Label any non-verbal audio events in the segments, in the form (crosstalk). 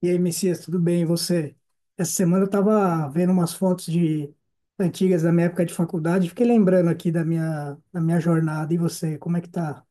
E aí, Messias, tudo bem? E você? Essa semana eu tava vendo umas fotos de antigas da minha época de faculdade, fiquei lembrando aqui da minha jornada. E você, como é que tá?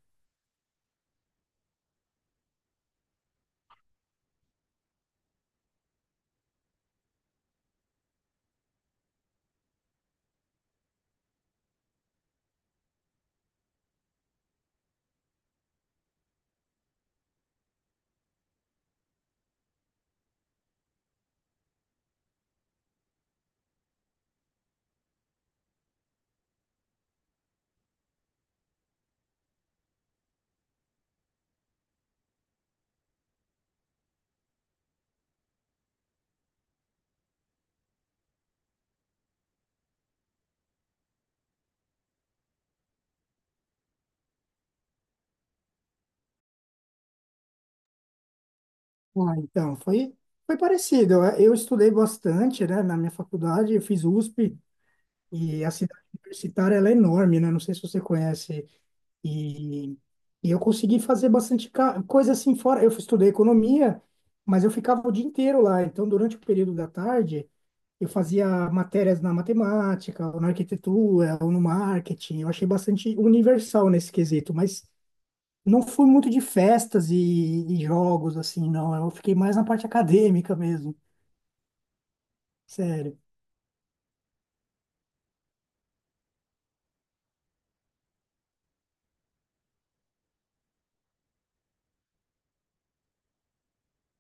Ah, então, foi, foi parecido. Eu estudei bastante, né, na minha faculdade, eu fiz USP e a cidade universitária ela é enorme, né? Não sei se você conhece. E, e eu consegui fazer bastante coisa assim fora. Eu estudei economia, mas eu ficava o dia inteiro lá. Então, durante o período da tarde. Eu fazia matérias na matemática, ou na arquitetura, ou no marketing. Eu achei bastante universal nesse quesito, mas não fui muito de e jogos, assim, não. Eu fiquei mais na parte acadêmica mesmo, sério.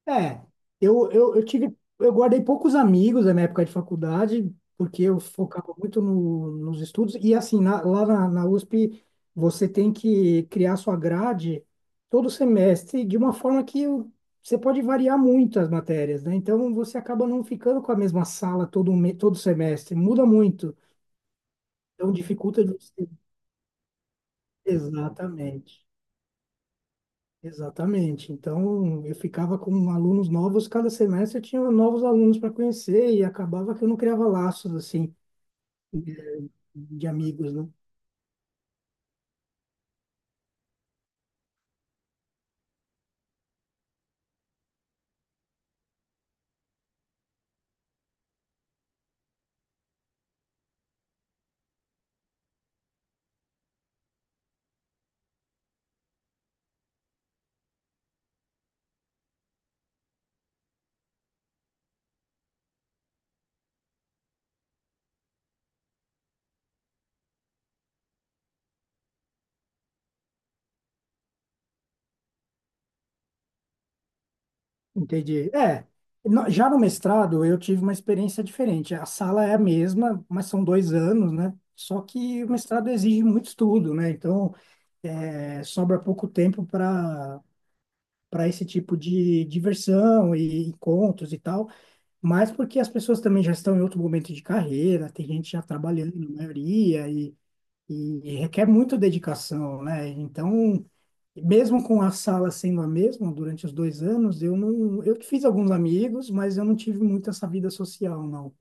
É, eu tive, eu guardei poucos amigos na minha época de faculdade, porque eu focava muito no, nos estudos, e assim, lá na USP, você tem que criar sua grade todo semestre, de uma forma você pode variar muito as matérias, né? Então, você acaba não ficando com a mesma sala todo semestre, muda muito, então dificulta de você. Exatamente. Exatamente. Então, eu ficava com alunos novos, cada semestre eu tinha novos alunos para conhecer e acabava que eu não criava laços assim de de amigos, né? Entendi. É, já no mestrado eu tive uma experiência diferente. A sala é a mesma, mas são dois anos, né? Só que o mestrado exige muito estudo, né? Então, é, sobra pouco tempo para esse tipo de diversão e encontros e tal. Mas porque as pessoas também já estão em outro momento de carreira, tem gente já trabalhando, a maioria, e requer muita dedicação, né? Então, mesmo com a sala sendo a mesma durante os dois anos, eu não, eu fiz alguns amigos, mas eu não tive muito essa vida social, não.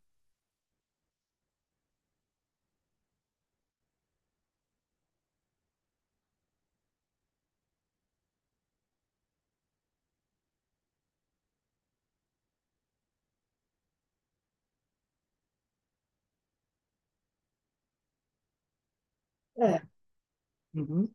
É. Uhum.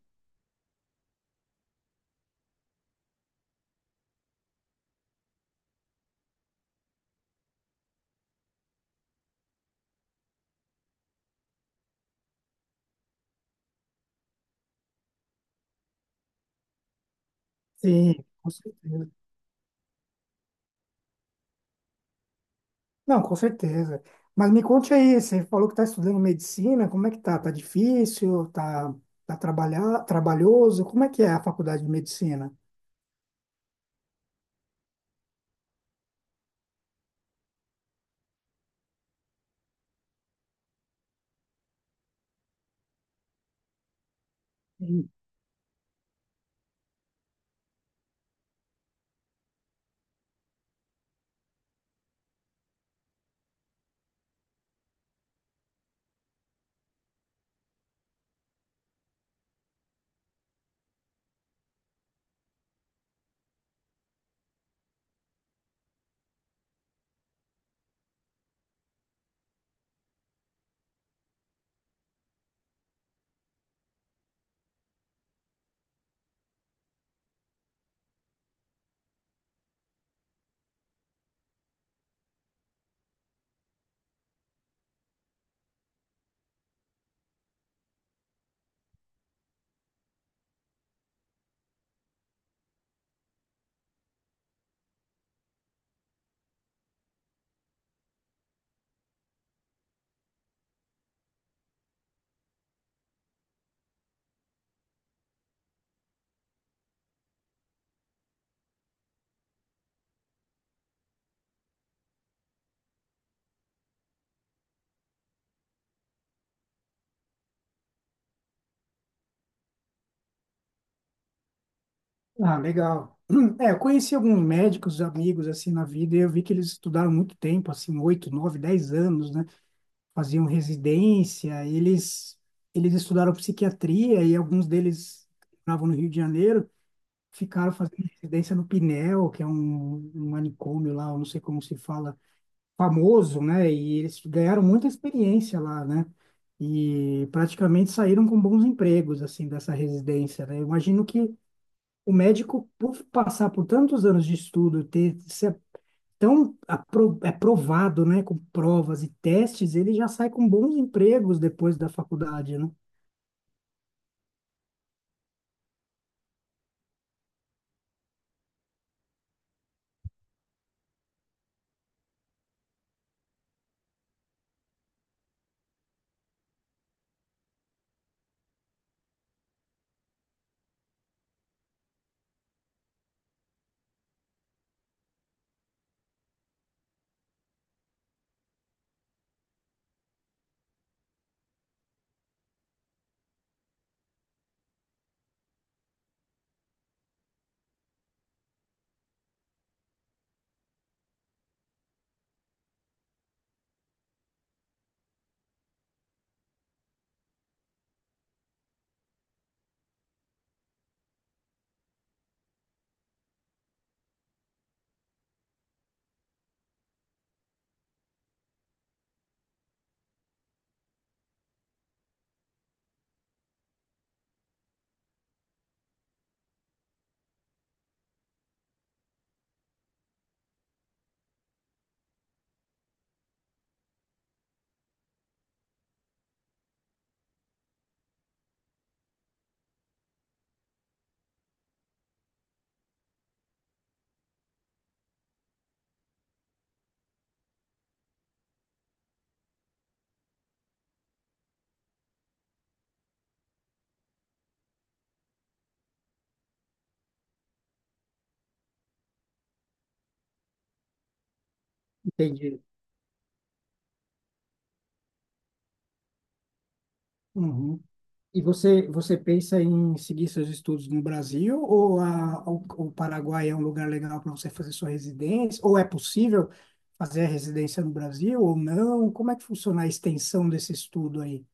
Sim, com certeza. Não, com certeza. Mas me conte aí, você falou que está estudando medicina, como é que tá? Tá difícil? Tá trabalhoso? Como é que é a faculdade de medicina? Ah, legal. (clears throat) É, eu conheci alguns médicos, amigos, assim, na vida, e eu vi que eles estudaram muito tempo, assim, oito, nove, dez anos, né? Faziam residência, eles estudaram psiquiatria e alguns deles estavam no Rio de Janeiro, ficaram fazendo residência no Pinel, que é um manicômio lá, eu não sei como se fala, famoso, né? E eles ganharam muita experiência lá, né? E praticamente saíram com bons empregos, assim, dessa residência, né? Eu imagino que o médico, por passar por tantos anos de estudo, ter ser tão apro- aprovado, né, com provas e testes, ele já sai com bons empregos depois da faculdade, né? Entendi. Uhum. E você, você pensa em seguir seus estudos no Brasil ou o Paraguai é um lugar legal para você fazer sua residência? Ou é possível fazer a residência no Brasil ou não? Como é que funciona a extensão desse estudo aí?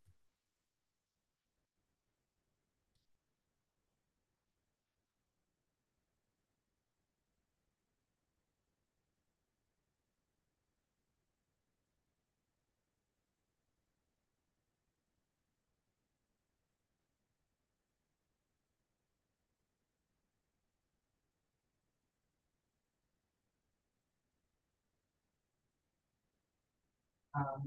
Ah,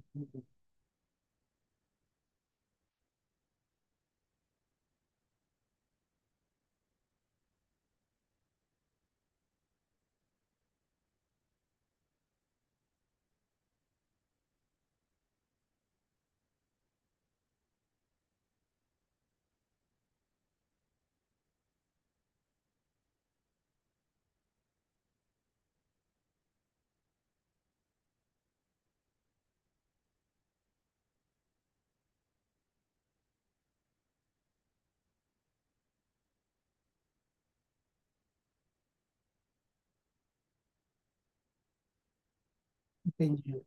entendi.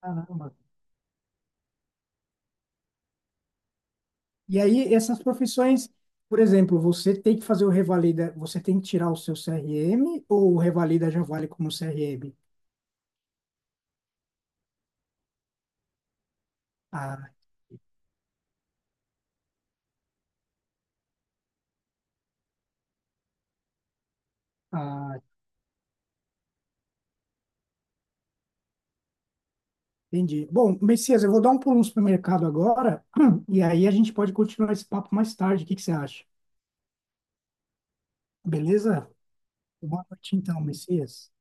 Caramba. E aí, essas profissões, por exemplo, você tem que fazer o revalida, você tem que tirar o seu CRM ou o revalida já vale como CRM? Ah, ah, entendi. Bom, Messias, eu vou dar um pulo no supermercado agora (clears throat) e aí a gente pode continuar esse papo mais tarde. O que que você acha? Beleza? Boa noite então, Messias.